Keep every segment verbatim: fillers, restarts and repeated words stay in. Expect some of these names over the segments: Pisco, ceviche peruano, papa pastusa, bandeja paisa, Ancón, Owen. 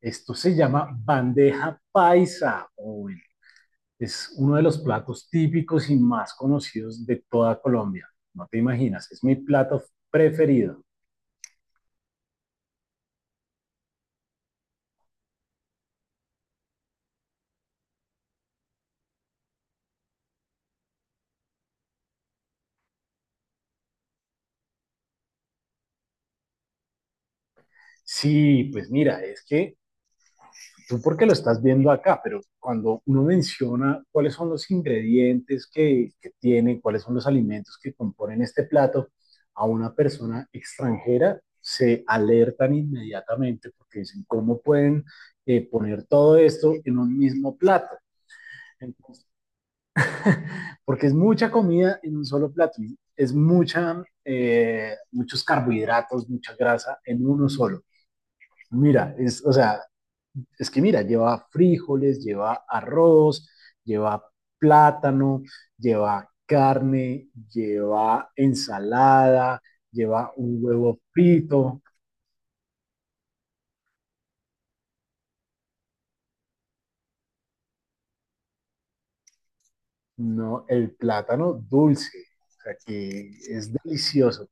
Esto se llama bandeja paisa o es uno de los platos típicos y más conocidos de toda Colombia. No te imaginas, es mi plato preferido. Sí, pues mira, es que tú porque lo estás viendo acá, pero cuando uno menciona cuáles son los ingredientes que, que tiene, cuáles son los alimentos que componen este plato, a una persona extranjera se alertan inmediatamente porque dicen, ¿cómo pueden eh, poner todo esto en un mismo plato? Entonces, porque es mucha comida en un solo plato, ¿no? Es mucha, eh, muchos carbohidratos, mucha grasa en uno solo. Mira, es, o sea, es que mira, lleva frijoles, lleva arroz, lleva plátano, lleva carne, lleva ensalada, lleva un huevo frito, no, el plátano dulce, o sea que es delicioso.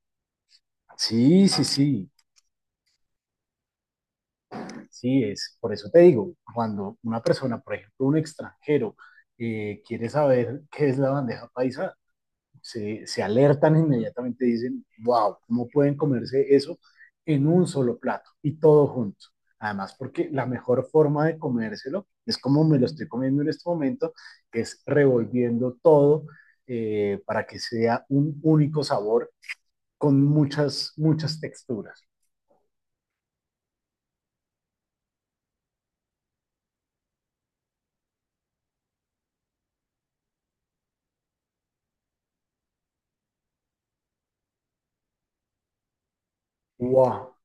Sí, sí, sí. Sí, es, por eso te digo, cuando una persona, por ejemplo, un extranjero, eh, quiere saber qué es la bandeja paisa, se, se alertan inmediatamente, dicen, wow, ¿cómo pueden comerse eso en un solo plato y todo junto? Además, porque la mejor forma de comérselo es como me lo estoy comiendo en este momento, que es revolviendo todo eh, para que sea un único sabor con muchas, muchas texturas. Wow.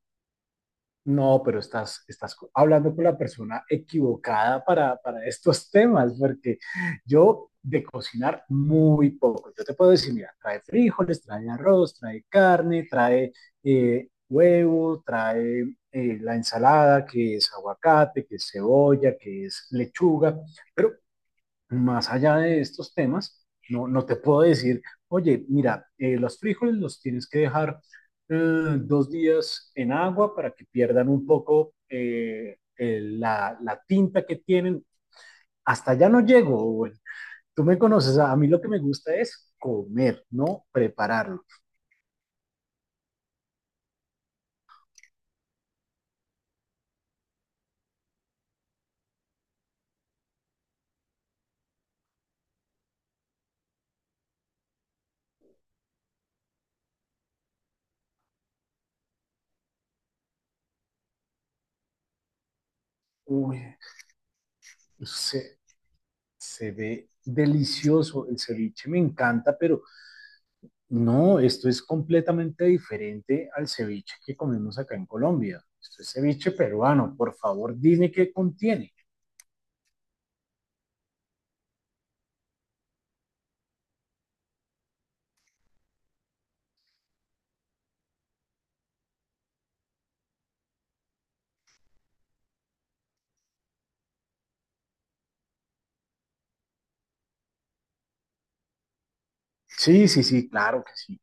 No, pero estás, estás co- hablando con la persona equivocada para, para estos temas, porque yo de cocinar muy poco. Yo te puedo decir, mira, trae frijoles, trae arroz, trae carne, trae eh, huevo, trae eh, la ensalada, que es aguacate, que es cebolla, que es lechuga, pero más allá de estos temas, no, no te puedo decir, oye, mira, eh, los frijoles los tienes que dejar eh, dos días en agua para que pierdan un poco eh, el- la, la tinta que tienen. Hasta allá no llego, Owen. Tú me conoces, a a mí lo que me gusta es comer, no prepararlo. Uy, se, se ve delicioso, el ceviche me encanta, pero no, esto es completamente diferente al ceviche que comemos acá en Colombia. Esto es ceviche peruano. Por favor, dime qué contiene. Sí, sí, sí, claro que sí.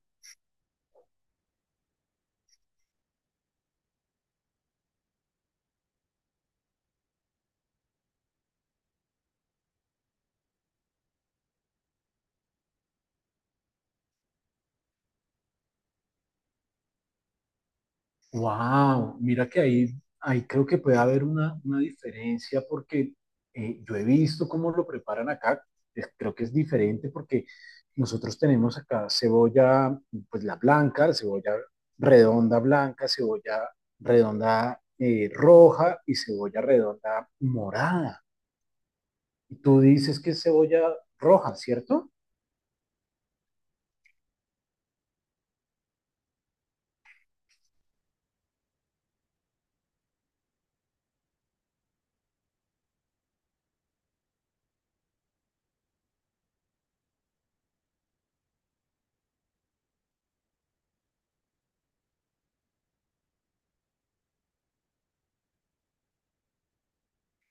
Wow, mira que ahí, ahí creo que puede haber una, una diferencia porque eh, yo he visto cómo lo preparan acá. Es- creo que es diferente porque nosotros tenemos acá cebolla, pues la blanca, cebolla redonda blanca, cebolla redonda eh, roja y cebolla redonda morada. Y tú dices que es cebolla roja, ¿cierto?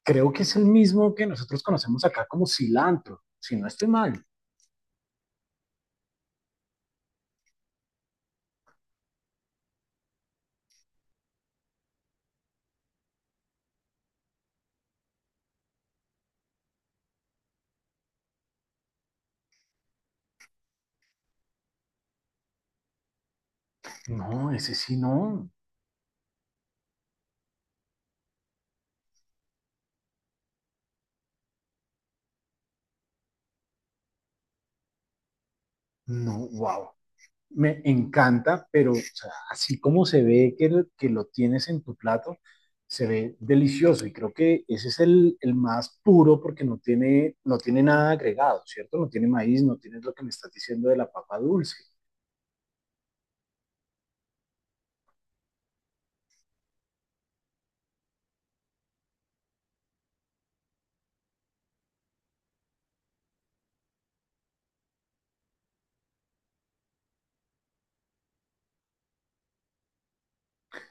Creo que es el mismo que nosotros conocemos acá como cilantro, si no estoy mal. No, ese sí no. No, wow. Me encanta, pero o sea, así como se ve que, lo- que lo tienes en tu plato, se ve delicioso y creo que ese es el, el más puro porque no tiene, no tiene nada agregado, ¿cierto? No tiene maíz, no tiene lo que me estás diciendo de la papa dulce.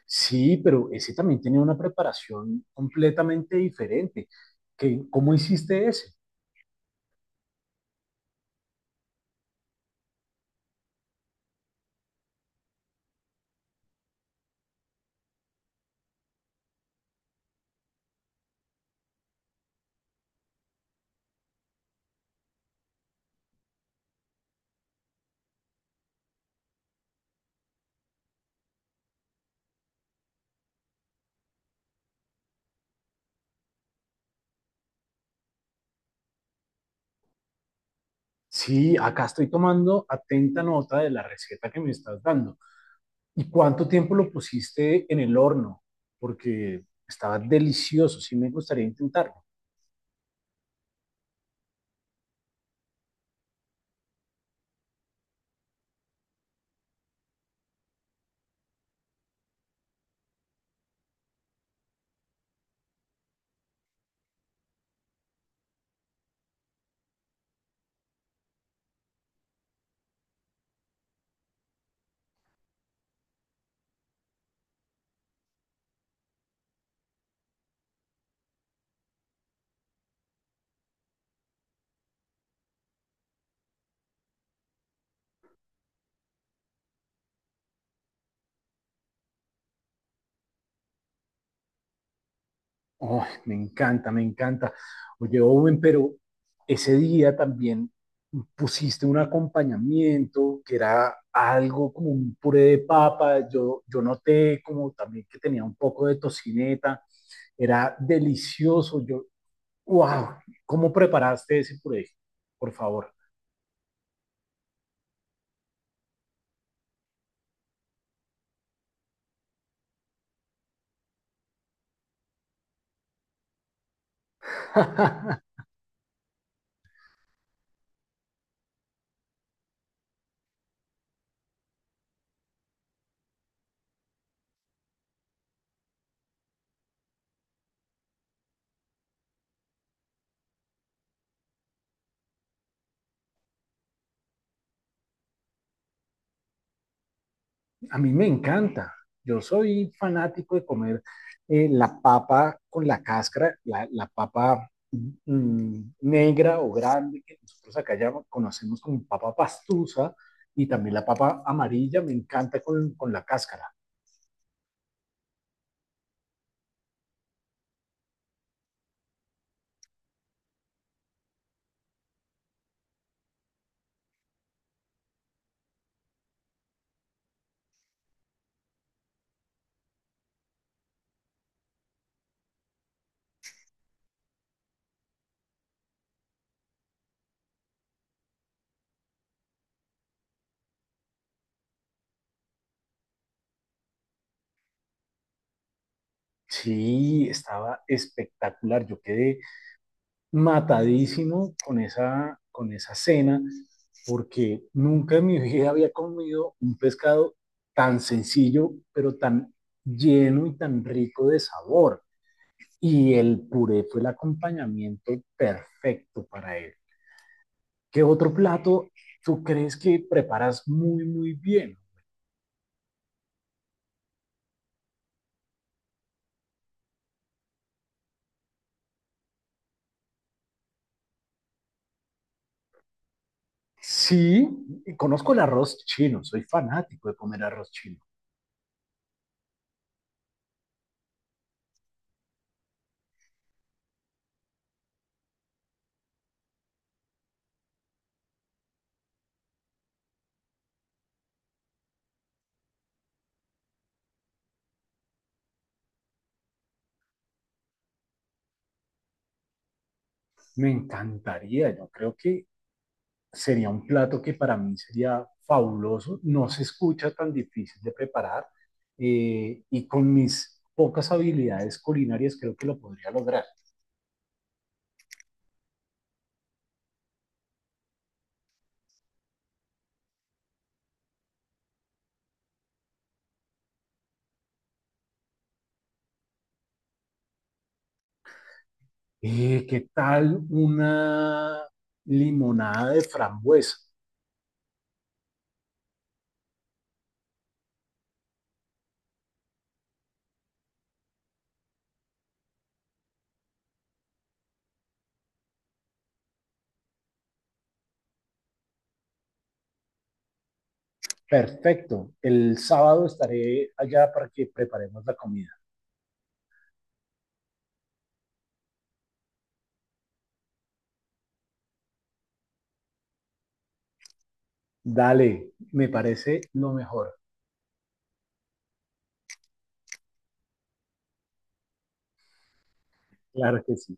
Sí, pero ese también tenía una preparación completamente diferente. ¿Qué, cómo hiciste ese? Sí, acá estoy tomando atenta nota de la receta que me estás dando. ¿Y cuánto tiempo lo pusiste en el horno? Porque estaba delicioso, sí me gustaría intentarlo. Oh, me encanta, me encanta. Oye, Owen, pero ese día también pusiste un acompañamiento que era algo como un puré de papa. Yo, yo noté como también que tenía un poco de tocineta. Era delicioso. Yo, wow, ¿cómo preparaste ese puré? Por favor. A mí me encanta. Yo soy fanático de comer eh, la papa con la cáscara, la, la papa mm, negra o grande, que nosotros acá ya conocemos como papa pastusa, y también la papa amarilla, me encanta con, con la cáscara. Sí, estaba espectacular. Yo quedé matadísimo con esa, con esa cena, porque nunca en mi vida había comido un pescado tan sencillo, pero tan lleno y tan rico de sabor. Y el puré fue el acompañamiento perfecto para él. ¿Qué otro plato tú crees que preparas muy, muy bien? Sí, conozco el arroz chino, soy fanático de comer arroz chino. Me encantaría, yo creo que sería un plato que para mí sería fabuloso, no se escucha tan difícil de preparar eh, y con mis pocas habilidades culinarias creo que lo podría lograr. Eh, ¿Qué tal una limonada de frambuesa? Perfecto, el sábado estaré allá para que preparemos la comida. Dale, me parece lo mejor. Claro que sí.